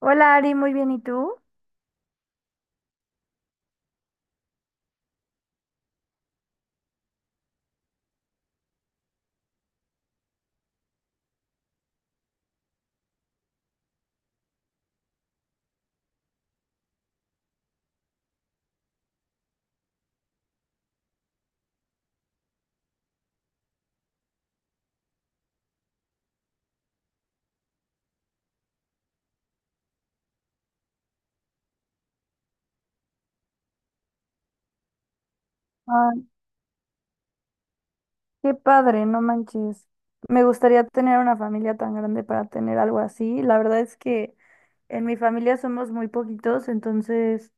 Hola Ari, muy bien, ¿y tú? Ay, qué padre, no manches. Me gustaría tener una familia tan grande para tener algo así. La verdad es que en mi familia somos muy poquitos, entonces,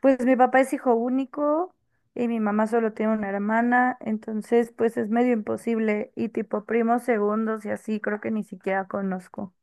pues mi papá es hijo único y mi mamá solo tiene una hermana, entonces, pues es medio imposible. Y tipo primos segundos y así, creo que ni siquiera conozco.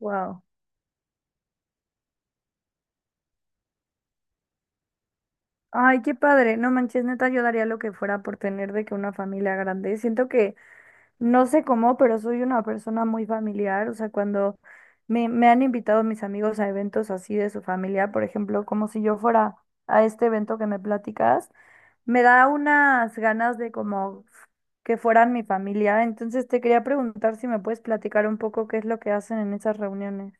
Wow. Ay, qué padre, no manches, neta, yo daría lo que fuera por tener de que una familia grande. Siento que no sé cómo, pero soy una persona muy familiar. O sea, cuando me han invitado mis amigos a eventos así de su familia, por ejemplo, como si yo fuera a este evento que me platicas, me da unas ganas de como que fueran mi familia. Entonces te quería preguntar si me puedes platicar un poco qué es lo que hacen en esas reuniones.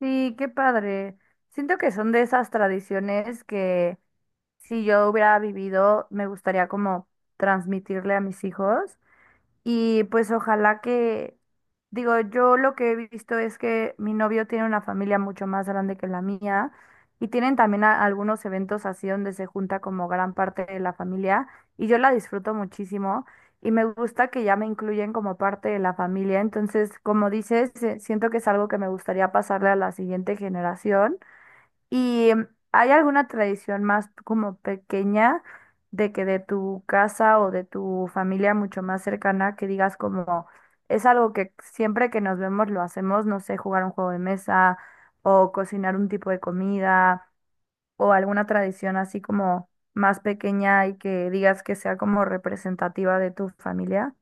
Sí, qué padre. Siento que son de esas tradiciones que si yo hubiera vivido, me gustaría como transmitirle a mis hijos. Y pues ojalá que, digo, yo lo que he visto es que mi novio tiene una familia mucho más grande que la mía y tienen también algunos eventos así donde se junta como gran parte de la familia y yo la disfruto muchísimo y me gusta que ya me incluyen como parte de la familia. Entonces, como dices, siento que es algo que me gustaría pasarle a la siguiente generación. ¿Y hay alguna tradición más como pequeña de que de tu casa o de tu familia mucho más cercana que digas como es algo que siempre que nos vemos lo hacemos, no sé, jugar un juego de mesa o cocinar un tipo de comida o alguna tradición así como más pequeña y que digas que sea como representativa de tu familia?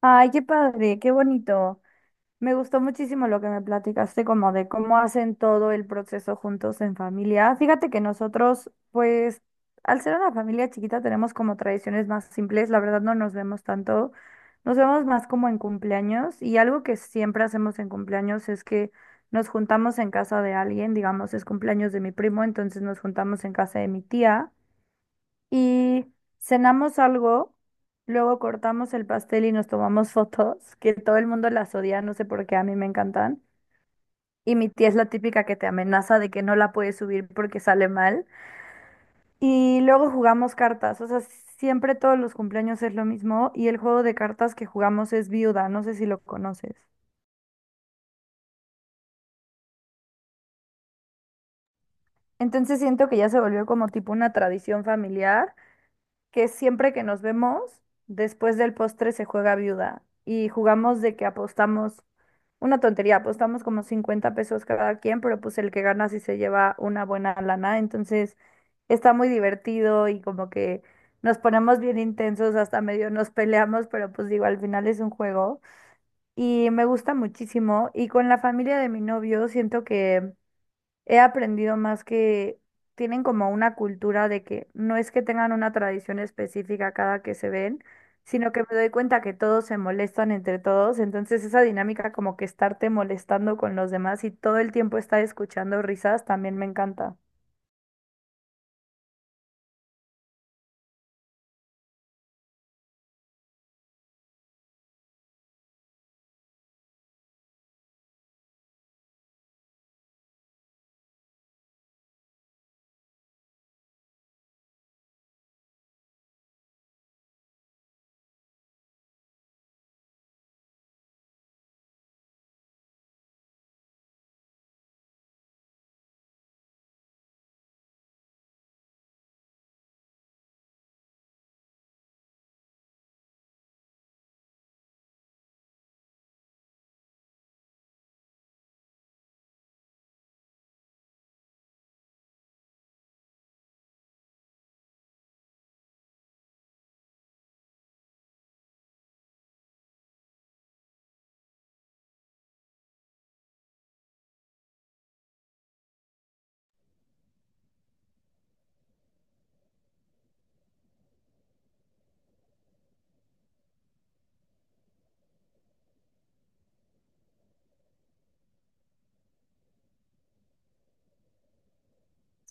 Ay, qué padre, qué bonito. Me gustó muchísimo lo que me platicaste, como de cómo hacen todo el proceso juntos en familia. Fíjate que nosotros, pues, al ser una familia chiquita, tenemos como tradiciones más simples. La verdad no nos vemos tanto. Nos vemos más como en cumpleaños. Y algo que siempre hacemos en cumpleaños es que nos juntamos en casa de alguien. Digamos, es cumpleaños de mi primo, entonces nos juntamos en casa de mi tía y cenamos algo, luego cortamos el pastel y nos tomamos fotos, que todo el mundo las odia, no sé por qué, a mí me encantan. Y mi tía es la típica que te amenaza de que no la puedes subir porque sale mal. Y luego jugamos cartas, o sea, siempre todos los cumpleaños es lo mismo y el juego de cartas que jugamos es viuda, no sé si lo conoces. Entonces siento que ya se volvió como tipo una tradición familiar que siempre que nos vemos, después del postre se juega viuda y jugamos de que apostamos una tontería, apostamos como 50 pesos cada quien, pero pues el que gana sí se lleva una buena lana, entonces está muy divertido y como que nos ponemos bien intensos, hasta medio nos peleamos, pero pues digo, al final es un juego y me gusta muchísimo y con la familia de mi novio siento que he aprendido más que tienen como una cultura de que no es que tengan una tradición específica cada que se ven, sino que me doy cuenta que todos se molestan entre todos, entonces esa dinámica como que estarte molestando con los demás y todo el tiempo estar escuchando risas también me encanta.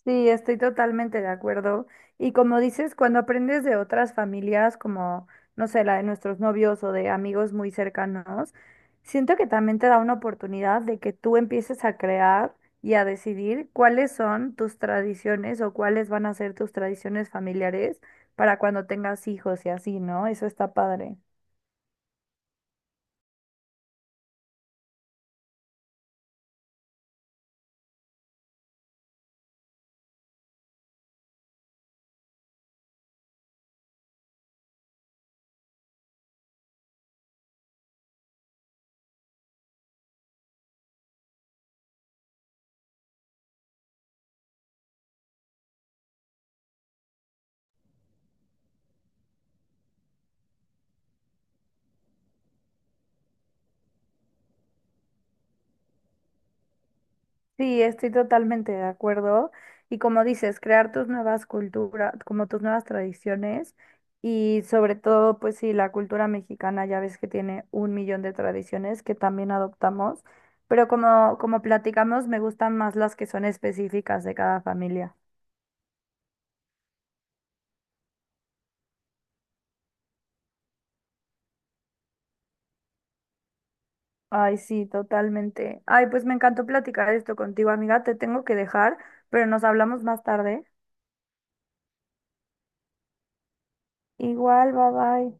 Sí, estoy totalmente de acuerdo. Y como dices, cuando aprendes de otras familias, como, no sé, la de nuestros novios o de amigos muy cercanos, siento que también te da una oportunidad de que tú empieces a crear y a decidir cuáles son tus tradiciones o cuáles van a ser tus tradiciones familiares para cuando tengas hijos y así, ¿no? Eso está padre. Sí, estoy totalmente de acuerdo. Y como dices, crear tus nuevas culturas, como tus nuevas tradiciones y sobre todo, pues sí, la cultura mexicana ya ves que tiene un millón de tradiciones que también adoptamos, pero como, como platicamos, me gustan más las que son específicas de cada familia. Ay, sí, totalmente. Ay, pues me encantó platicar esto contigo, amiga. Te tengo que dejar, pero nos hablamos más tarde. Igual, bye bye.